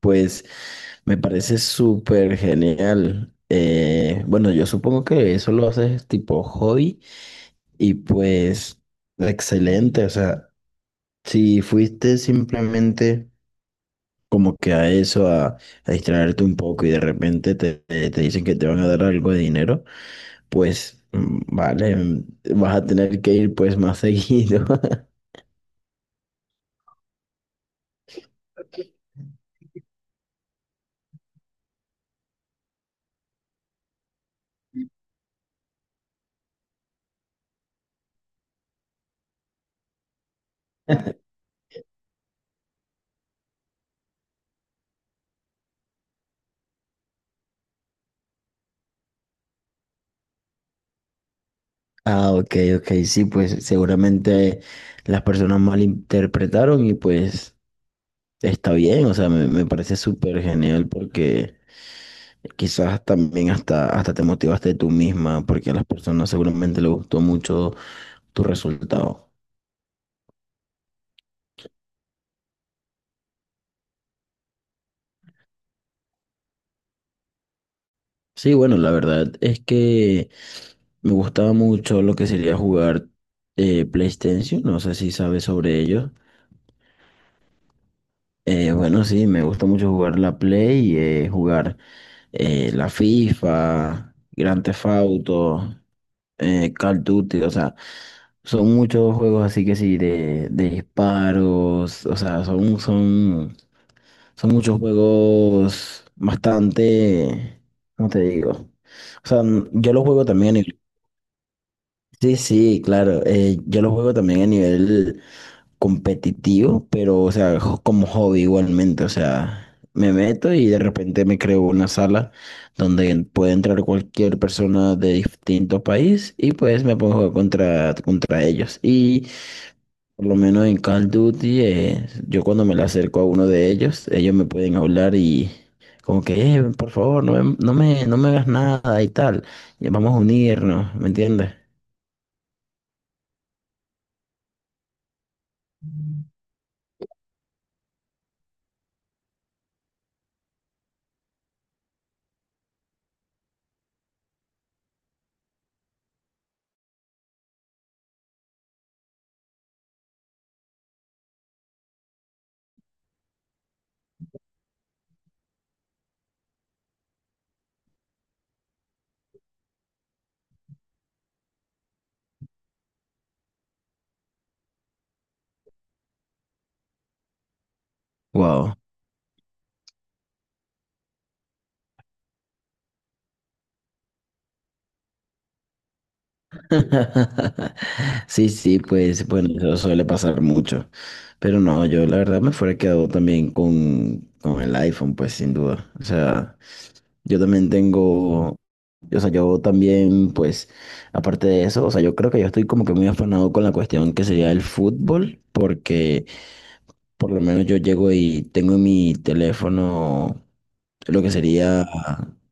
Pues me parece súper genial. Bueno, yo supongo que eso lo haces tipo hobby y pues excelente. O sea, si fuiste simplemente como que a eso, a distraerte un poco y de repente te dicen que te van a dar algo de dinero, pues vale, vas a tener que ir pues más seguido. Ah, ok, ok, sí, pues seguramente las personas malinterpretaron y pues está bien. O sea, me parece súper genial porque quizás también hasta te motivaste tú misma porque a las personas seguramente les gustó mucho tu resultado. Sí, bueno, la verdad es que me gustaba mucho lo que sería jugar PlayStation, no sé si sabes sobre ello. Bueno, sí, me gusta mucho jugar la Play, jugar la FIFA, Grand Theft Auto, Call of Duty. O sea, son muchos juegos así que sí, de disparos. O sea, son muchos juegos bastante, ¿cómo te digo? O sea, yo los juego también a nivel, sí, sí, claro, yo los juego también a nivel competitivo, pero, o sea, como hobby igualmente. O sea, me meto y de repente me creo una sala donde puede entrar cualquier persona de distinto país y pues me pongo a jugar contra ellos. Y por lo menos en Call of Duty, yo cuando me le acerco a uno de ellos, ellos me pueden hablar y... Como que: por favor, no me hagas nada y tal. Vamos a unirnos, ¿me entiendes?" Wow. Sí, sí, pues bueno, eso suele pasar mucho. Pero no, yo la verdad me fuera quedado también con el iPhone, pues sin duda. O sea, yo también tengo, o sea, yo también, pues, aparte de eso, o sea, yo creo que yo estoy como que muy afanado con la cuestión que sería el fútbol, porque por lo menos yo llego y tengo en mi teléfono lo que sería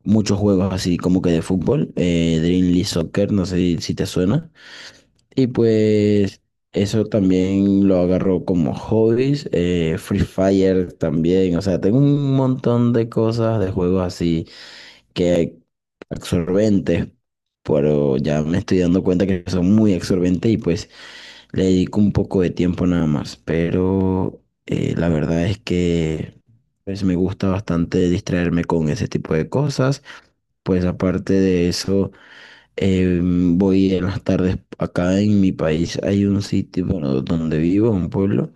muchos juegos así como que de fútbol, Dream League Soccer, no sé si te suena. Y pues eso también lo agarro como hobbies. Free Fire también. O sea, tengo un montón de cosas, de juegos así que absorbentes, pero ya me estoy dando cuenta que son muy absorbentes y pues le dedico un poco de tiempo nada más. Pero la verdad es que pues me gusta bastante distraerme con ese tipo de cosas. Pues aparte de eso... voy en las tardes acá en mi país. Hay un sitio, bueno, donde vivo, un pueblo.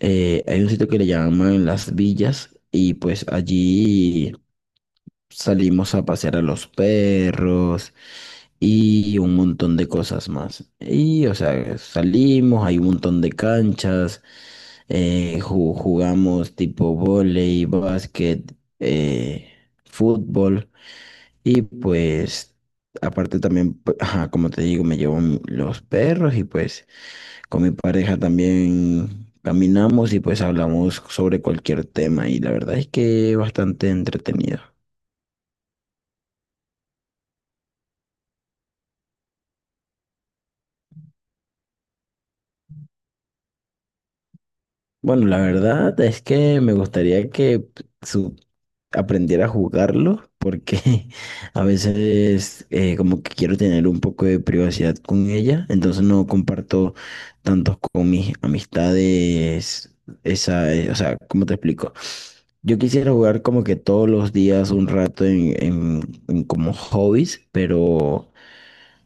Hay un sitio que le llaman Las Villas y pues allí salimos a pasear a los perros y un montón de cosas más. Y, o sea, salimos, hay un montón de canchas, jugamos tipo vóley, básquet, eh, fútbol. Y pues, aparte también, ajá, como te digo, me llevo los perros y pues con mi pareja también caminamos y pues hablamos sobre cualquier tema y la verdad es que bastante entretenido. Bueno, la verdad es que me gustaría que su- aprendiera a jugarlo porque a veces como que quiero tener un poco de privacidad con ella, entonces no comparto tantos con mis amistades, esa, o sea, ¿cómo te explico? Yo quisiera jugar como que todos los días un rato en como hobbies, pero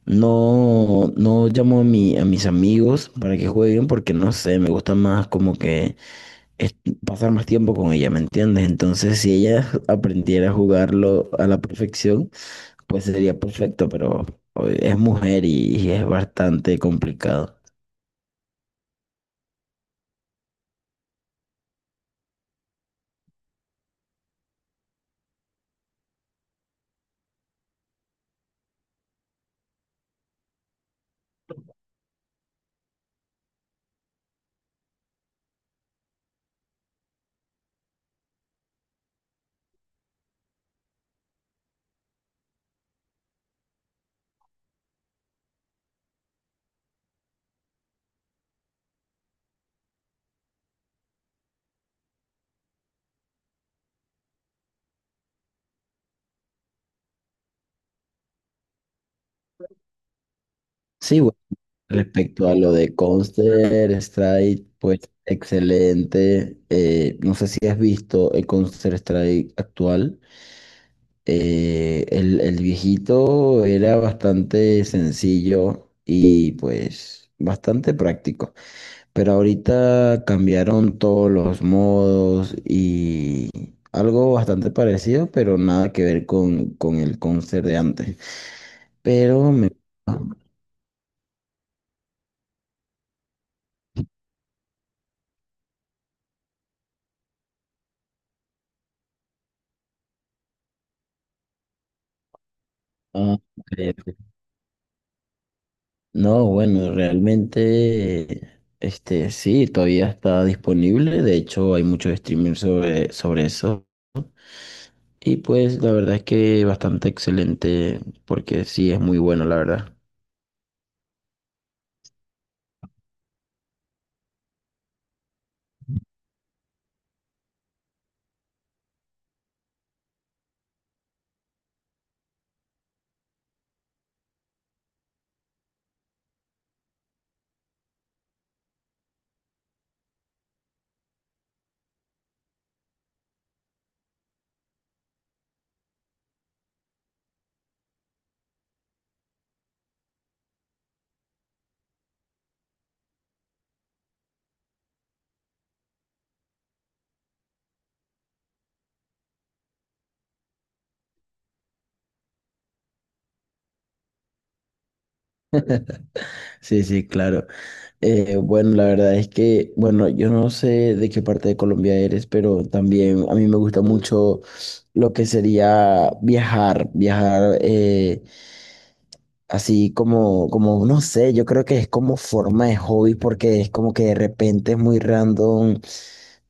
no llamo a mis amigos para que jueguen porque no sé, me gusta más como que es pasar más tiempo con ella, ¿me entiendes? Entonces, si ella aprendiera a jugarlo a la perfección, pues sería perfecto, pero oye, es mujer y es bastante complicado. Sí, bueno, respecto a lo de Counter Strike, pues excelente. No sé si has visto el Counter Strike actual. El viejito era bastante sencillo y pues bastante práctico. Pero ahorita cambiaron todos los modos y algo bastante parecido, pero nada que ver con el concert de antes. Pero me... Ah, ah, ok. No, bueno, realmente, este, sí, todavía está disponible. De hecho, hay muchos streamers sobre eso. Y pues la verdad es que bastante excelente, porque sí, es muy bueno, la verdad. Sí, sí, claro. Bueno, la verdad es que, bueno, yo no sé de qué parte de Colombia eres, pero también a mí me gusta mucho lo que sería viajar. Así como, como, no sé, yo creo que es como forma de hobby porque es como que de repente es muy random,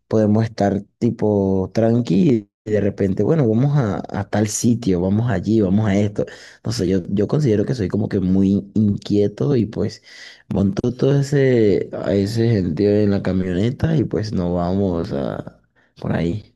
podemos estar tipo tranqui y de repente, bueno, a tal sitio, vamos allí, vamos a esto. No sé, yo considero que soy como que muy inquieto y pues monto todo a ese sentido en la camioneta y pues nos vamos a, por ahí.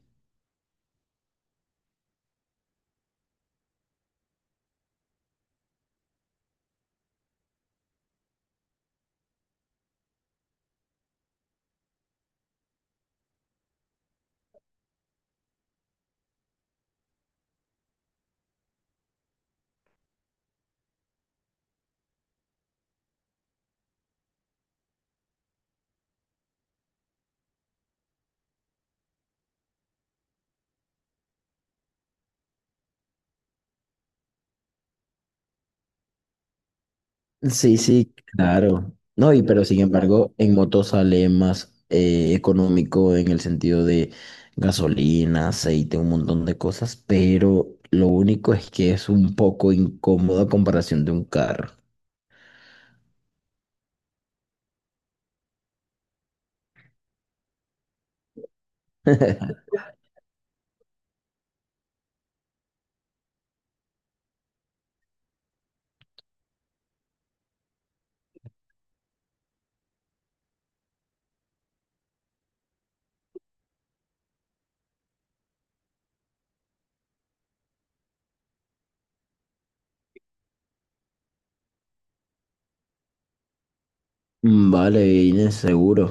Sí, sí, claro. No, y pero sin embargo, en moto sale más económico en el sentido de gasolina, aceite, un montón de cosas, pero lo único es que es un poco incómodo a comparación de un carro. Mm, vale, Inés, seguro.